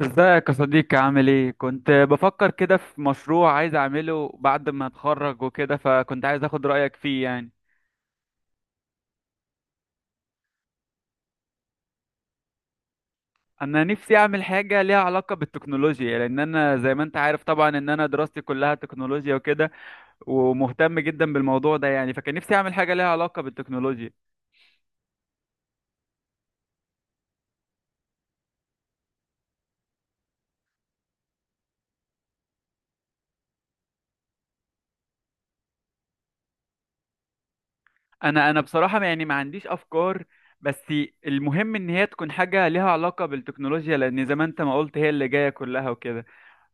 ازيك يا صديقي؟ عامل ايه؟ كنت بفكر كده في مشروع عايز اعمله بعد ما اتخرج وكده، فكنت عايز اخد رأيك فيه يعني. انا نفسي اعمل حاجة ليها علاقة بالتكنولوجيا، لان انا زي ما انت عارف طبعا ان انا دراستي كلها تكنولوجيا وكده، ومهتم جدا بالموضوع ده يعني. فكان نفسي اعمل حاجة ليها علاقة بالتكنولوجيا. انا بصراحة يعني ما عنديش افكار، بس المهم ان هي تكون حاجة ليها علاقة بالتكنولوجيا، لان زي ما انت ما قلت هي اللي جاية كلها وكده.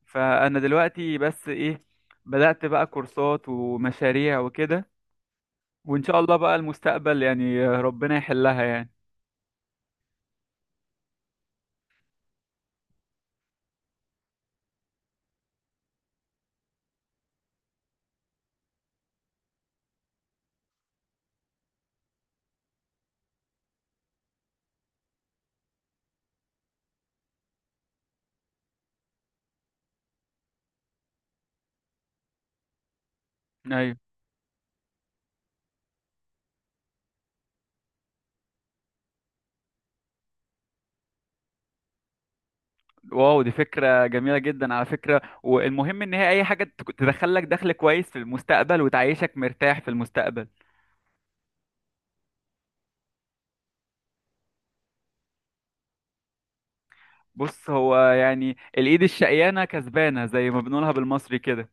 فانا دلوقتي بس ايه، بدأت بقى كورسات ومشاريع وكده، وان شاء الله بقى المستقبل يعني ربنا يحلها يعني. ايوه. واو، دي فكرة جميلة جدا على فكرة، والمهم ان هي اي حاجة تدخلك دخل كويس في المستقبل وتعيشك مرتاح في المستقبل. بص، هو يعني الايد الشقيانة كسبانة زي ما بنقولها بالمصري كده.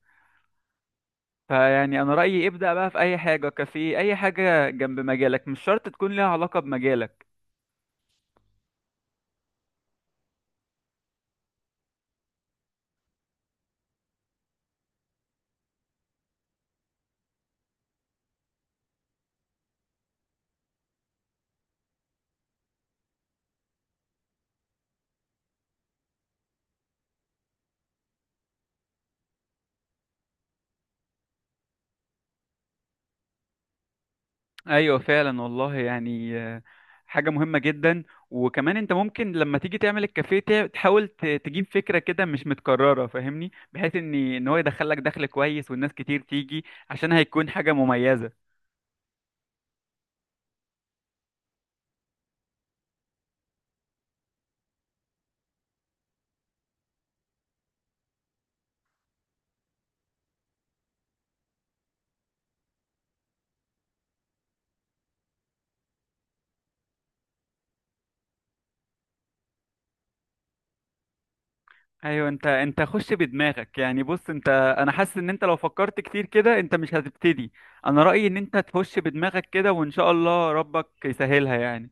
فيعني انا رأيي ابدأ بقى في اي حاجة، كافيه، اي حاجة جنب مجالك، مش شرط تكون ليها علاقة بمجالك. ايوه فعلا والله يعني، حاجه مهمه جدا. وكمان انت ممكن لما تيجي تعمل الكافيه تحاول تجيب فكره كده مش متكرره فاهمني، بحيث ان هو يدخلك دخل كويس والناس كتير تيجي، عشان هيكون حاجه مميزه. ايوه، انت خش بدماغك يعني. بص انت، انا حاسس ان انت لو فكرت كتير كده انت مش هتبتدي. انا رايي ان انت تخش بدماغك كده وان شاء الله ربك يسهلها يعني.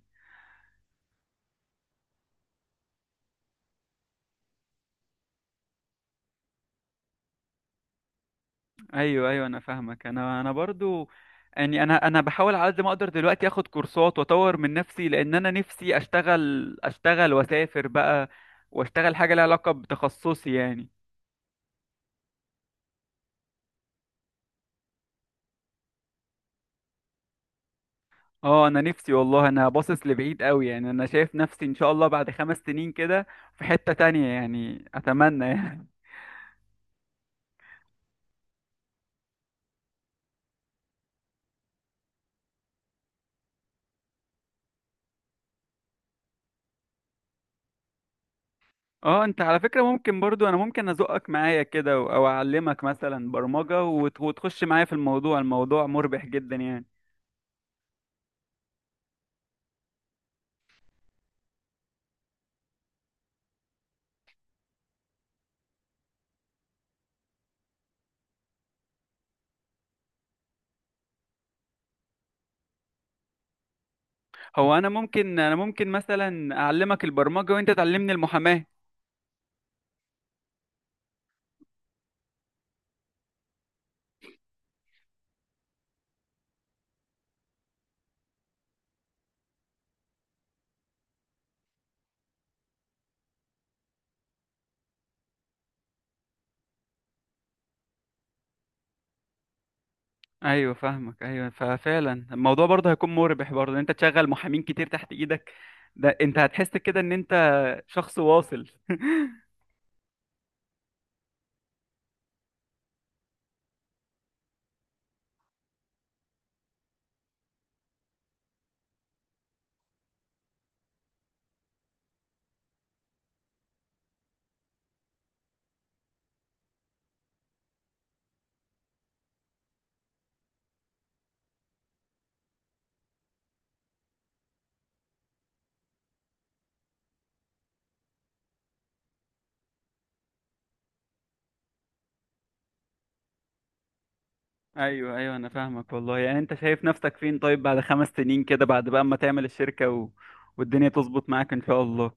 ايوه، ايوه، انا فاهمك، انا برضو يعني. انا بحاول على قد ما اقدر دلوقتي اخد كورسات واطور من نفسي، لان انا نفسي اشتغل، اشتغل واسافر بقى واشتغل حاجه لها علاقه بتخصصي يعني. اه، انا نفسي والله، انا باصص لبعيد قوي يعني، انا شايف نفسي ان شاء الله بعد 5 سنين كده في حته تانية يعني، اتمنى يعني. اه، انت على فكره ممكن برضو انا ممكن ازقك معايا كده او اعلمك مثلا برمجه وتخش معايا في الموضوع. الموضوع مربح جدا يعني. هو انا ممكن مثلا اعلمك البرمجه وانت تعلمني المحاماه. ايوه فاهمك، ايوه، ففعلا الموضوع برضه هيكون مربح برضه، ان انت تشغل محامين كتير تحت ايدك. ده انت هتحس كده ان انت شخص واصل. ايوه، ايوه، انا فاهمك والله يعني. انت شايف نفسك فين طيب بعد 5 سنين كده، بعد بقى اما تعمل الشركه، والدنيا تظبط معاك ان شاء الله.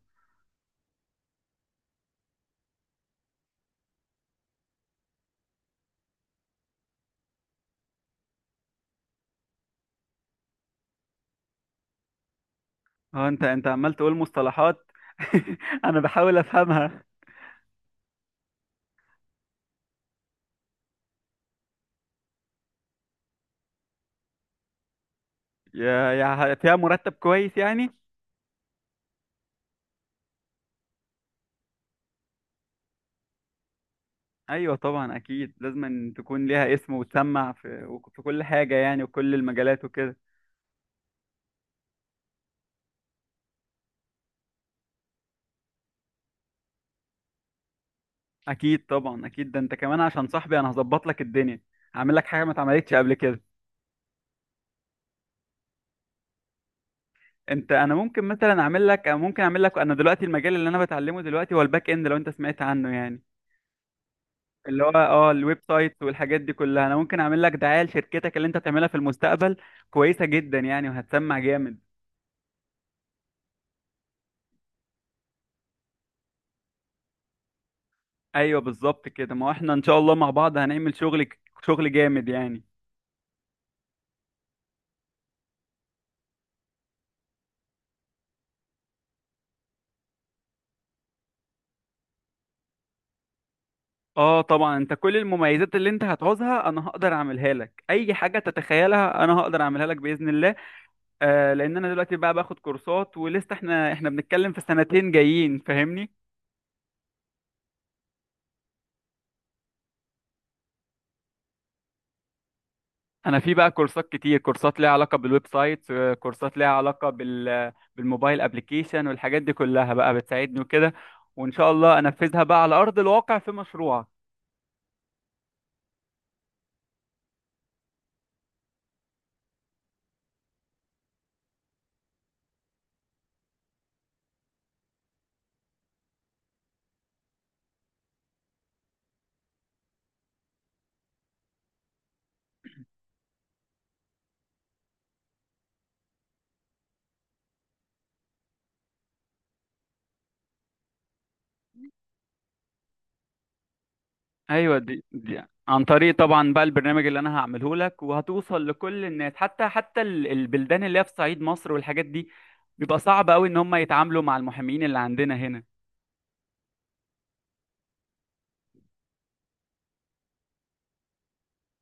اه، انت عمال تقول مصطلحات. انا بحاول افهمها. يا يا فيها مرتب كويس يعني. ايوه طبعا، اكيد لازم أن تكون ليها اسم وتسمع في كل حاجه يعني، وكل المجالات وكده. اكيد طبعا، اكيد، ده انت كمان عشان صاحبي انا هظبط لك الدنيا. هعمل لك حاجه ما اتعملتش قبل كده. انا ممكن مثلا اعمل لك، انا دلوقتي المجال اللي انا بتعلمه دلوقتي هو الباك اند، لو انت سمعت عنه يعني. اللي هو الويب سايت والحاجات دي كلها، انا ممكن اعمل لك دعايه لشركتك اللي انت تعملها في المستقبل، كويسه جدا يعني، وهتسمع جامد. ايوه بالظبط كده، ما هو احنا ان شاء الله مع بعض هنعمل شغل، شغل جامد يعني. اه طبعا، انت كل المميزات اللي انت هتعوزها انا هقدر اعملها لك، اي حاجه تتخيلها انا هقدر اعملها لك باذن الله. آه، لان انا دلوقتي بقى باخد كورسات ولسه، احنا بنتكلم في سنتين جايين فاهمني. انا في بقى كورسات كتير، كورسات ليها علاقه بالويب سايت، كورسات ليها علاقه بالموبايل ابلكيشن والحاجات دي كلها بقى بتساعدني وكده، وان شاء الله انفذها بقى على ارض الواقع في مشروعك. ايوه، دي عن طريق طبعا بقى البرنامج اللي انا هعمله لك، وهتوصل لكل الناس، حتى البلدان اللي هي في صعيد مصر والحاجات دي، بيبقى صعب قوي ان هم يتعاملوا مع المحامين اللي عندنا هنا.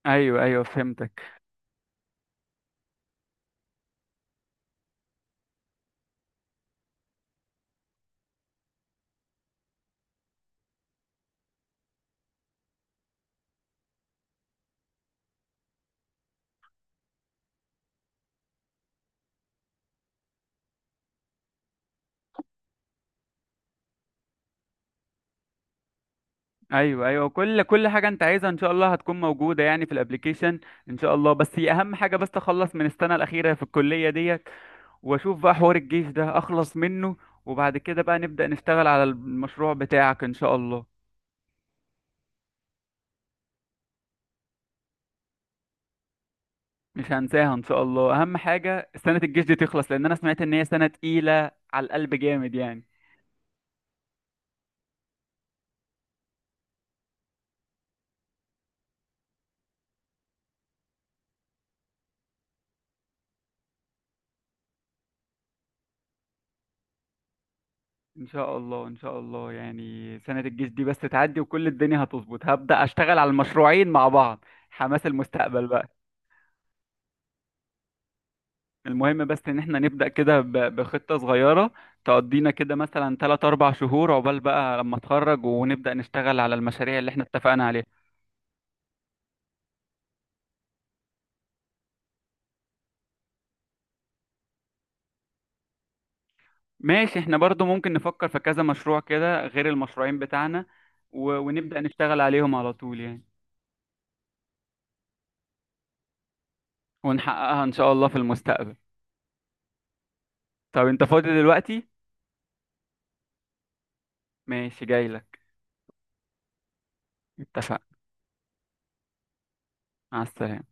ايوه، ايوه، فهمتك. ايوه، ايوه، كل حاجه انت عايزها ان شاء الله هتكون موجوده يعني في الابليكيشن. ان شاء الله، بس هي اهم حاجه بس اخلص من السنه الاخيره في الكليه ديت، واشوف بقى حوار الجيش ده اخلص منه، وبعد كده بقى نبدا نشتغل على المشروع بتاعك ان شاء الله. مش هنساها ان شاء الله. اهم حاجه سنه الجيش دي تخلص، لان انا سمعت ان هي سنه تقيله على القلب جامد يعني. ان شاء الله، ان شاء الله يعني، سنه الجيش دي بس تعدي وكل الدنيا هتظبط، هبدا اشتغل على المشروعين مع بعض، حماس المستقبل بقى. المهم بس ان احنا نبدا كده بخطه صغيره، تقضينا كده مثلا 3 4 شهور عقبال بقى لما اتخرج ونبدا نشتغل على المشاريع اللي احنا اتفقنا عليها. ماشي، احنا برضو ممكن نفكر في كذا مشروع كده غير المشروعين بتاعنا، ونبدا نشتغل عليهم على طول يعني، ونحققها إن شاء الله في المستقبل. طب أنت فاضي دلوقتي؟ ماشي جايلك. اتفقنا. مع السلامة.